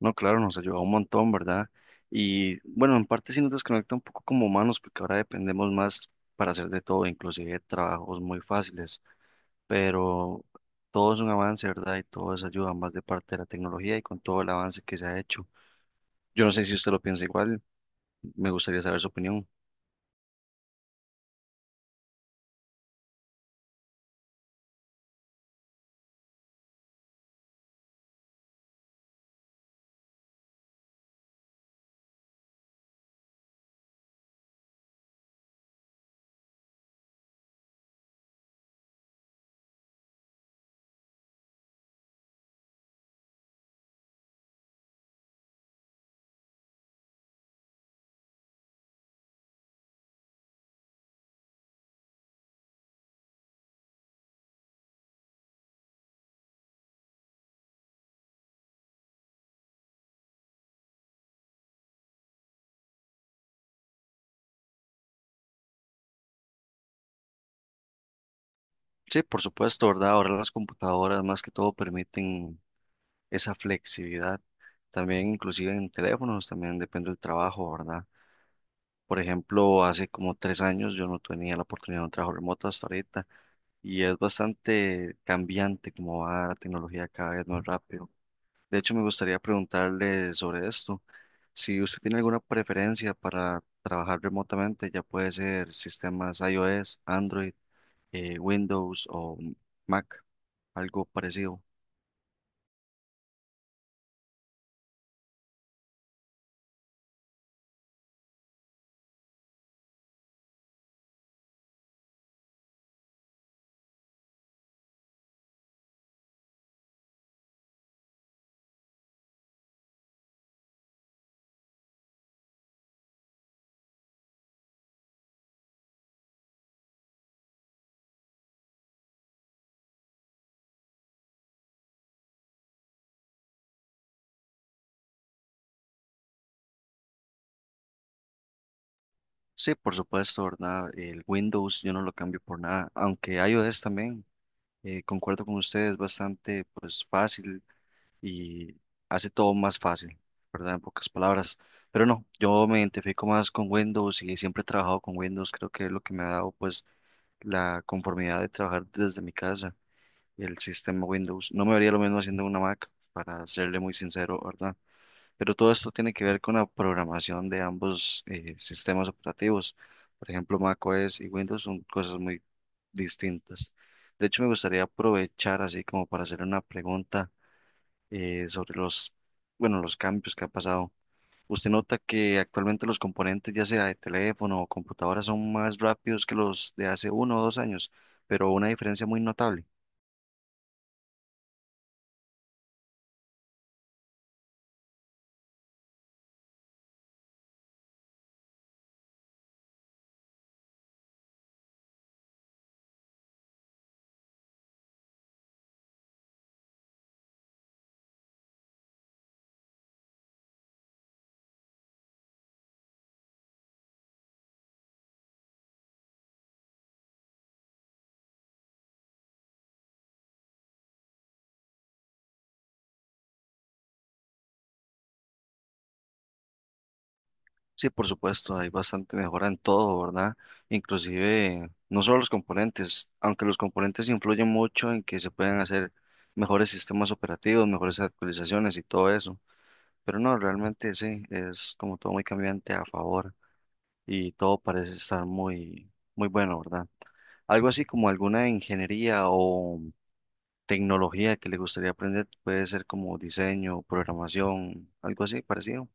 No, claro, nos ayuda un montón, ¿verdad? Y bueno, en parte sí nos desconecta un poco como humanos, porque ahora dependemos más para hacer de todo, inclusive trabajos muy fáciles, pero todo es un avance, ¿verdad? Y todo es ayuda más de parte de la tecnología y con todo el avance que se ha hecho. Yo no sé si usted lo piensa igual, me gustaría saber su opinión. Sí, por supuesto, ¿verdad? Ahora las computadoras más que todo permiten esa flexibilidad, también inclusive en teléfonos, también depende del trabajo, ¿verdad? Por ejemplo, hace como 3 años yo no tenía la oportunidad de un trabajo remoto hasta ahorita y es bastante cambiante como va la tecnología cada vez más rápido. De hecho, me gustaría preguntarle sobre esto. Si usted tiene alguna preferencia para trabajar remotamente, ya puede ser sistemas iOS, Android, Windows o Mac, algo parecido. Sí, por supuesto, ¿verdad? El Windows yo no lo cambio por nada, aunque iOS también, concuerdo con usted, es bastante pues fácil y hace todo más fácil, ¿verdad? En pocas palabras. Pero no, yo me identifico más con Windows y siempre he trabajado con Windows. Creo que es lo que me ha dado pues la conformidad de trabajar desde mi casa, el sistema Windows. No me vería lo mismo haciendo una Mac, para serle muy sincero, ¿verdad? Pero todo esto tiene que ver con la programación de ambos sistemas operativos. Por ejemplo, macOS y Windows son cosas muy distintas. De hecho, me gustaría aprovechar así como para hacer una pregunta sobre los, bueno, los cambios que ha pasado. ¿Usted nota que actualmente los componentes, ya sea de teléfono o computadora, son más rápidos que los de hace uno o dos años? Pero una diferencia muy notable. Sí, por supuesto, hay bastante mejora en todo, ¿verdad? Inclusive, no solo los componentes, aunque los componentes influyen mucho en que se puedan hacer mejores sistemas operativos, mejores actualizaciones y todo eso. Pero no, realmente sí, es como todo muy cambiante a favor. Y todo parece estar muy, muy bueno, ¿verdad? Algo así como alguna ingeniería o tecnología que le gustaría aprender, puede ser como diseño, programación, algo así parecido.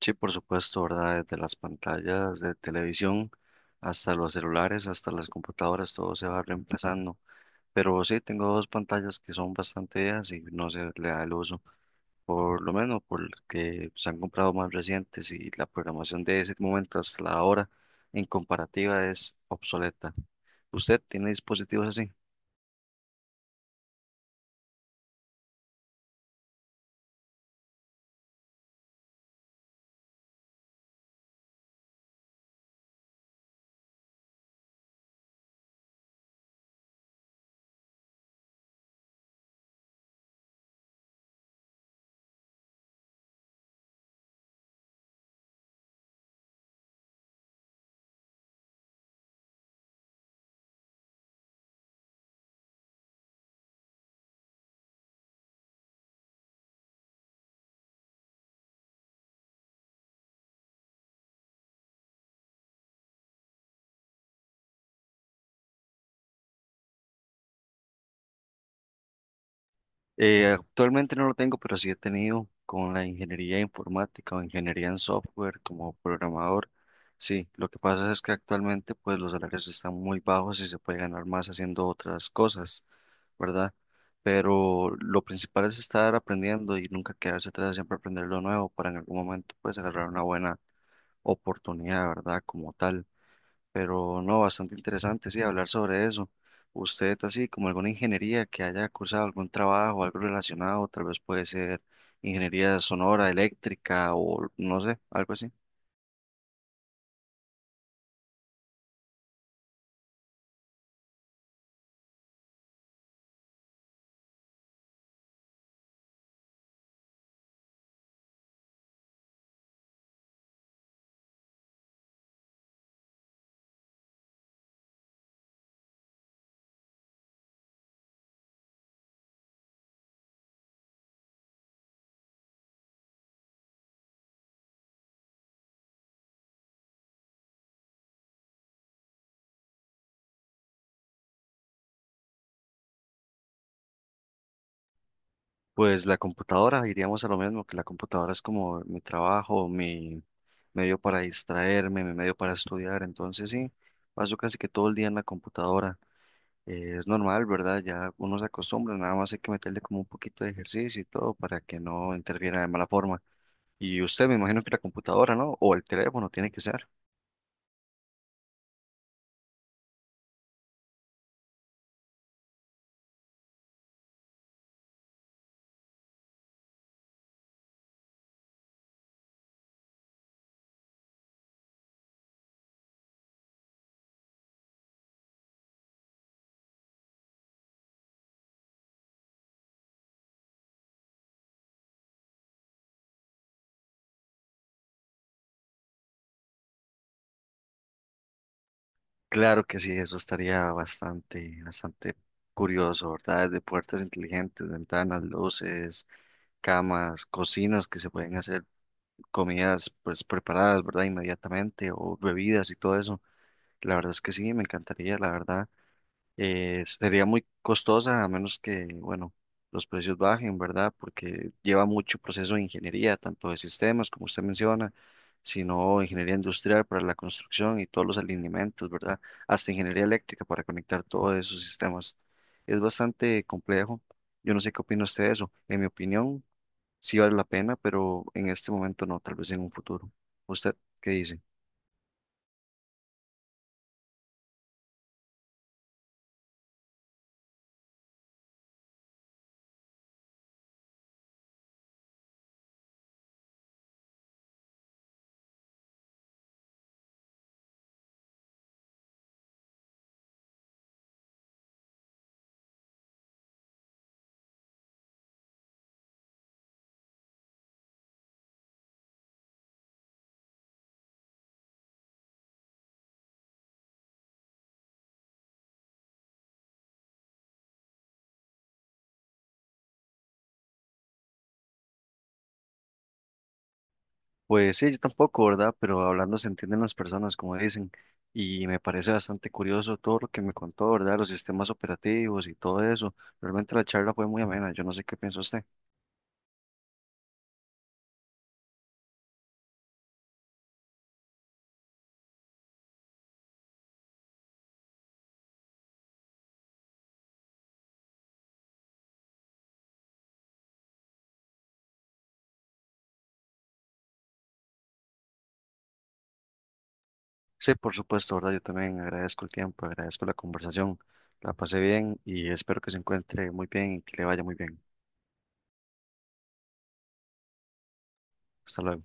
Sí, por supuesto, ¿verdad? Desde las pantallas de televisión hasta los celulares, hasta las computadoras, todo se va reemplazando. Pero sí, tengo 2 pantallas que son bastante viejas y no se le da el uso, por lo menos porque se han comprado más recientes y la programación de ese momento hasta la hora en comparativa es obsoleta. ¿Usted tiene dispositivos así? Actualmente no lo tengo, pero sí he tenido con la ingeniería informática o ingeniería en software como programador. Sí, lo que pasa es que actualmente pues los salarios están muy bajos y se puede ganar más haciendo otras cosas, ¿verdad? Pero lo principal es estar aprendiendo y nunca quedarse atrás, siempre aprender lo nuevo para en algún momento pues agarrar una buena oportunidad, ¿verdad? Como tal. Pero no, bastante interesante, sí, hablar sobre eso. Usted, así como alguna ingeniería que haya cursado algún trabajo, algo relacionado, tal vez puede ser ingeniería sonora, eléctrica o no sé, algo así. Pues la computadora, iríamos a lo mismo, que la computadora es como mi trabajo, mi medio para distraerme, mi medio para estudiar. Entonces, sí, paso casi que todo el día en la computadora. Es normal, ¿verdad? Ya uno se acostumbra, nada más hay que meterle como un poquito de ejercicio y todo para que no interfiera de mala forma. Y usted me imagino que la computadora, ¿no? O el teléfono tiene que ser. Claro que sí, eso estaría bastante, bastante curioso, ¿verdad? De puertas inteligentes, ventanas, luces, camas, cocinas que se pueden hacer comidas pues preparadas, ¿verdad? Inmediatamente o bebidas y todo eso. La verdad es que sí, me encantaría, la verdad. Sería muy costosa a menos que, bueno, los precios bajen, ¿verdad? Porque lleva mucho proceso de ingeniería, tanto de sistemas, como usted menciona, sino ingeniería industrial para la construcción y todos los alineamientos, ¿verdad? Hasta ingeniería eléctrica para conectar todos esos sistemas. Es bastante complejo. Yo no sé qué opina usted de eso. En mi opinión, sí vale la pena, pero en este momento no, tal vez en un futuro. ¿Usted qué dice? Pues sí, yo tampoco, ¿verdad? Pero hablando se entienden las personas, como dicen, y me parece bastante curioso todo lo que me contó, ¿verdad? Los sistemas operativos y todo eso. Realmente la charla fue muy amena, yo no sé qué piensa usted. Sí, por supuesto, ¿verdad? Yo también agradezco el tiempo, agradezco la conversación, la pasé bien y espero que se encuentre muy bien y que le vaya muy bien. Hasta luego.